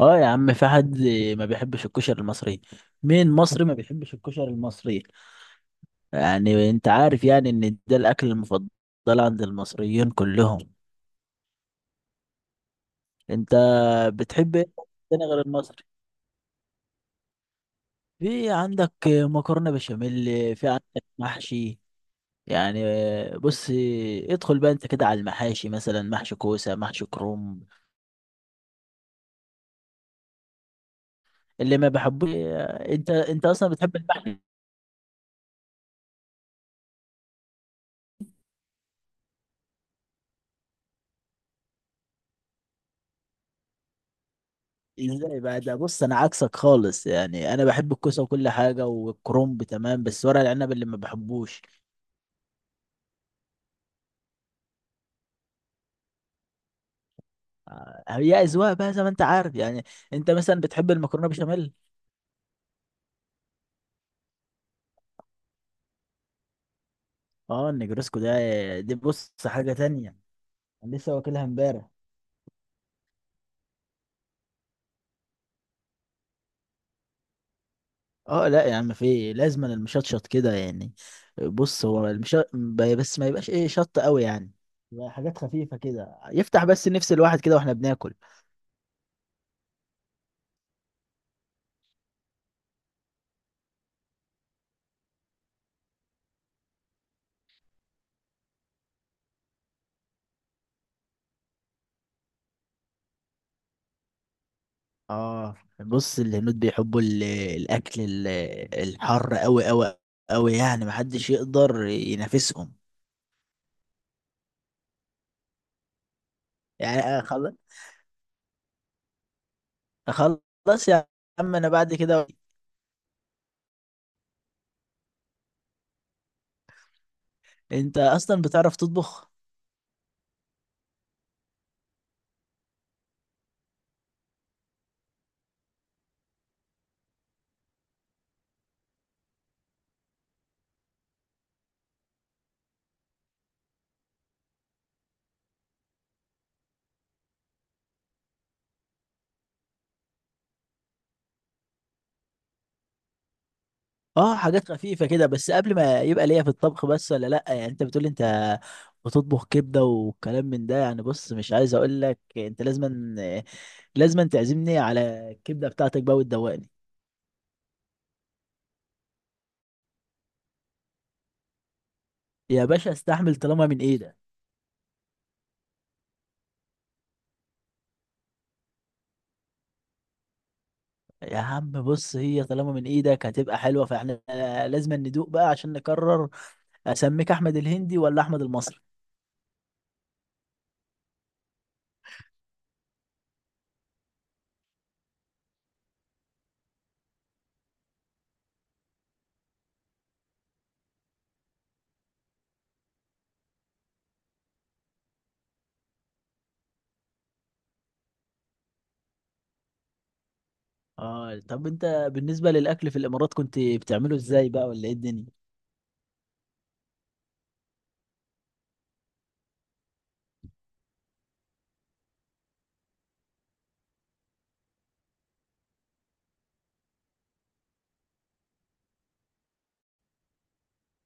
اه يا عم، في حد ما بيحبش الكشري المصري؟ مين مصري ما بيحبش الكشري المصري؟ يعني انت عارف يعني ان ده الاكل المفضل عند المصريين كلهم. انت بتحب ايه تاني غير المصري؟ في عندك مكرونة بشاميل، في عندك محشي، يعني بص، ادخل بقى انت كده على المحاشي، مثلا محشي كوسة، محشي كروم اللي ما بحبوش. انت اصلا بتحب المحشي؟ ازاي بقى؟ ده بص انا عكسك خالص يعني، انا بحب الكوسه وكل حاجه والكرنب تمام، بس ورق العنب اللي ما بحبوش. هي اذواق بقى زي ما انت عارف يعني. انت مثلا بتحب المكرونه بشاميل؟ اه النجرسكو ده، دي بص حاجه تانية، انا لسه واكلها امبارح. اه لا يا عم، في إيه؟ لازم أنا المشطشط كده يعني. بص هو بس ما يبقاش ايه شط قوي يعني، يبقى حاجات خفيفه كده، يفتح بس نفس الواحد كده واحنا بناكل. اه بص، الهنود بيحبوا الاكل الحر قوي قوي قوي يعني، محدش يقدر ينافسهم. يعني خلاص، خلاص يا عم، انا بعد كده. انت اصلا بتعرف تطبخ؟ اه حاجات خفيفة كده بس، قبل ما يبقى ليا في الطبخ بس ولا لا يعني. انت بتقول انت بتطبخ كبدة والكلام من ده يعني، بص مش عايز اقول لك، انت لازما تعزمني على الكبدة بتاعتك بقى وتدوقني. يا باشا استحمل طالما من ايدك. يا عم بص، هي طالما من ايدك هتبقى حلوه، فاحنا لازم ندوق بقى عشان نقرر اسميك احمد الهندي ولا احمد المصري. اه طب انت بالنسبه للاكل في الامارات كنت بتعمله ازاي بقى، ولا ايه الدنيا؟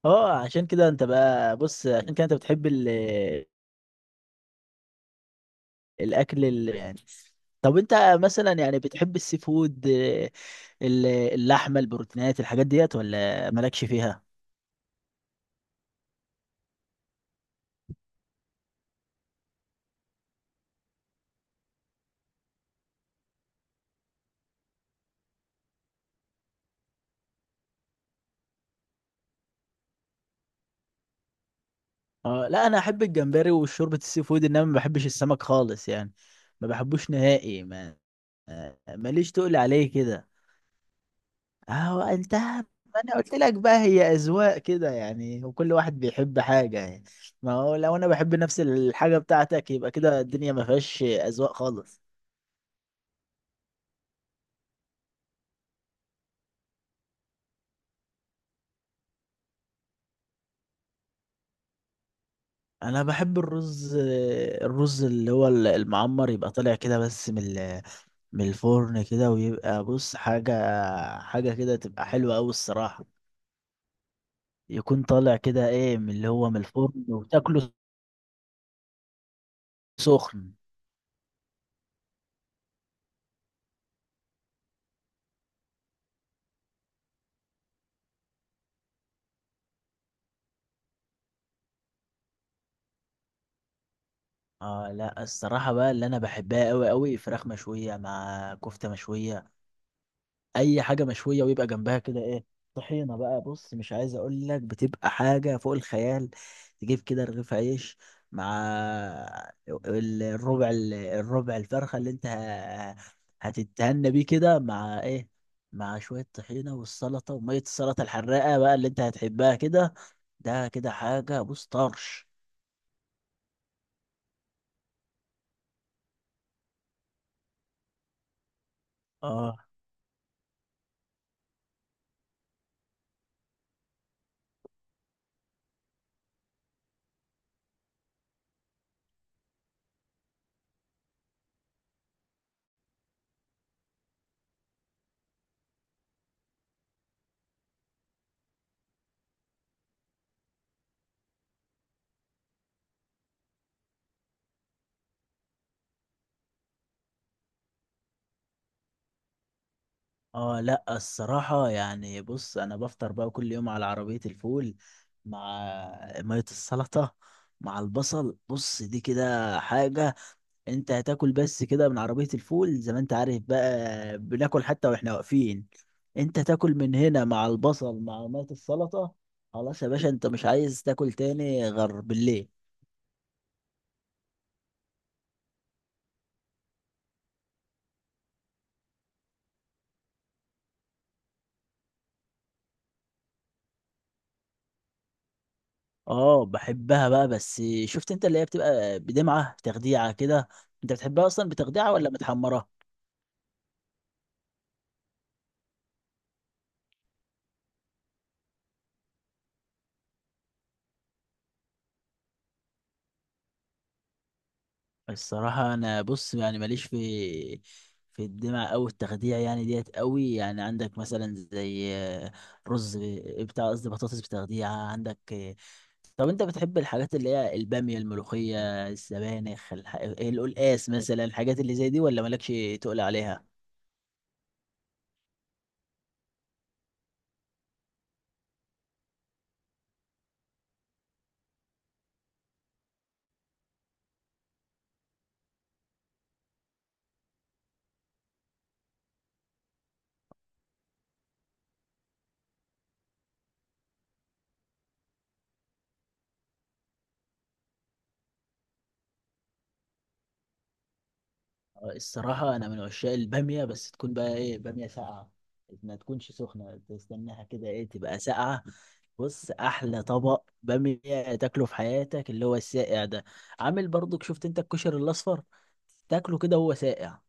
اه عشان كده انت بقى، بص عشان كده انت بتحب ال الاكل ال يعني. طب انت مثلا يعني بتحب السي فود، اللحمه، البروتينات، الحاجات ديت، ولا مالكش فيها؟ اه لا، انا احب الجمبري وشوربة السي فود، انما ما بحبش السمك خالص يعني، ما بحبوش نهائي ما ماليش تقول عليه كده. اهو انت، ما انا قلت لك بقى، هي اذواق كده يعني، وكل واحد بيحب حاجة يعني. ما هو لو انا بحب نفس الحاجة بتاعتك يبقى كده الدنيا ما فيهاش اذواق خالص. انا بحب الرز، الرز اللي هو المعمر، يبقى طالع كده بس من من الفرن كده، ويبقى بص حاجة، حاجة كده تبقى حلوة أوي الصراحة. يكون طالع كده ايه، من اللي هو من الفرن وتاكله سخن. اه لا الصراحة بقى، اللي انا بحبها قوي قوي فراخ مشوية مع كفتة مشوية، اي حاجه مشويه، ويبقى جنبها كده ايه، طحينه بقى، بص مش عايز اقول لك، بتبقى حاجه فوق الخيال. تجيب كده رغيف عيش مع الربع الربع الفرخه اللي انت هتتهنى بيه كده، مع ايه، مع شويه طحينه والسلطه وميه السلطه الحراقه بقى اللي انت هتحبها كده. ده كده حاجه، بص طرش. اه. اه لا الصراحة يعني، بص انا بفطر بقى كل يوم على عربية الفول، مع مية السلطة، مع البصل، بص دي كده حاجة. انت هتاكل بس كده من عربية الفول، زي ما انت عارف بقى، بناكل حتى واحنا واقفين. انت تاكل من هنا مع البصل مع مية السلطة، خلاص يا باشا انت مش عايز تاكل تاني غير بالليل. اه بحبها بقى، بس شفت انت اللي هي بتبقى بدمعة تخديعة كده. انت بتحبها اصلا بتخديعة ولا متحمرة؟ الصراحة أنا بص يعني، ماليش في في الدمع أو التخديع يعني ديت قوي يعني. عندك مثلا زي رز بتاع، قصدي بطاطس بتخديع، عندك طب أنت بتحب الحاجات اللي هي البامية، الملوخية، السبانخ، القلقاس مثلا، الحاجات اللي زي دي، ولا مالكش تقول عليها؟ الصراحة أنا من عشاق البامية، بس تكون بقى إيه، بامية ساقعة، ما تكونش سخنة، تستناها كده إيه تبقى ساقعة. بص أحلى طبق بامية تاكله في حياتك اللي هو الساقع ده، عامل برضك شفت أنت الكشري الأصفر، تاكله كده وهو ساقع.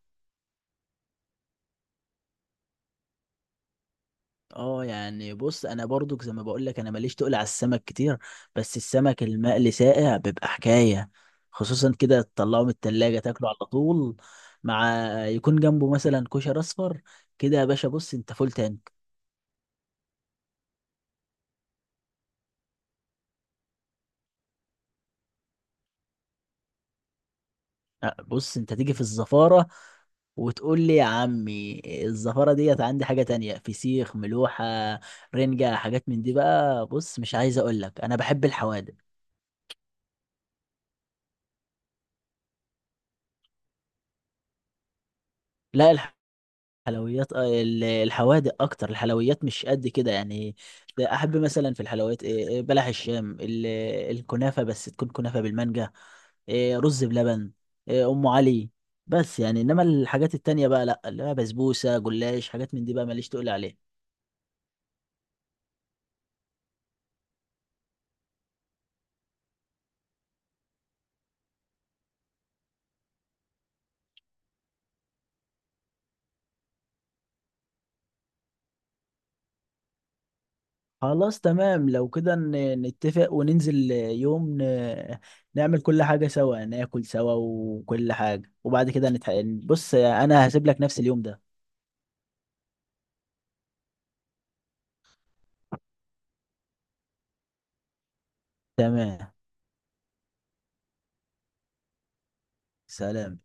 اه يعني بص، انا برضو زي ما بقول لك، انا ماليش تقل على السمك كتير، بس السمك المقلي ساقع بيبقى حكايه، خصوصا كده تطلعه من التلاجة تاكله على طول، مع يكون جنبه مثلا كشر اصفر كده، يا باشا بص انت فول تانك. بص انت تيجي في الزفاره وتقول لي يا عمي الزفاره ديت، عندي حاجه تانية، فسيخ، ملوحه، رنجه، حاجات من دي بقى، بص مش عايز اقول لك، انا بحب الحوادق. لا حلويات الحوادق اكتر، الحلويات مش قد كده يعني. ده احب مثلا في الحلويات إيه، إيه، بلح الشام، الكنافه، بس تكون كنافه بالمانجا، رز بلبن، ام علي، بس يعني. انما الحاجات التانية بقى لا، اللي هي بسبوسه، جلاش، حاجات من دي بقى، ماليش تقول عليها. خلاص تمام، لو كده نتفق وننزل يوم نعمل كل حاجة سوا، ناكل سوا وكل حاجة وبعد كده بص أنا هسيب لك نفس اليوم ده. تمام. سلام.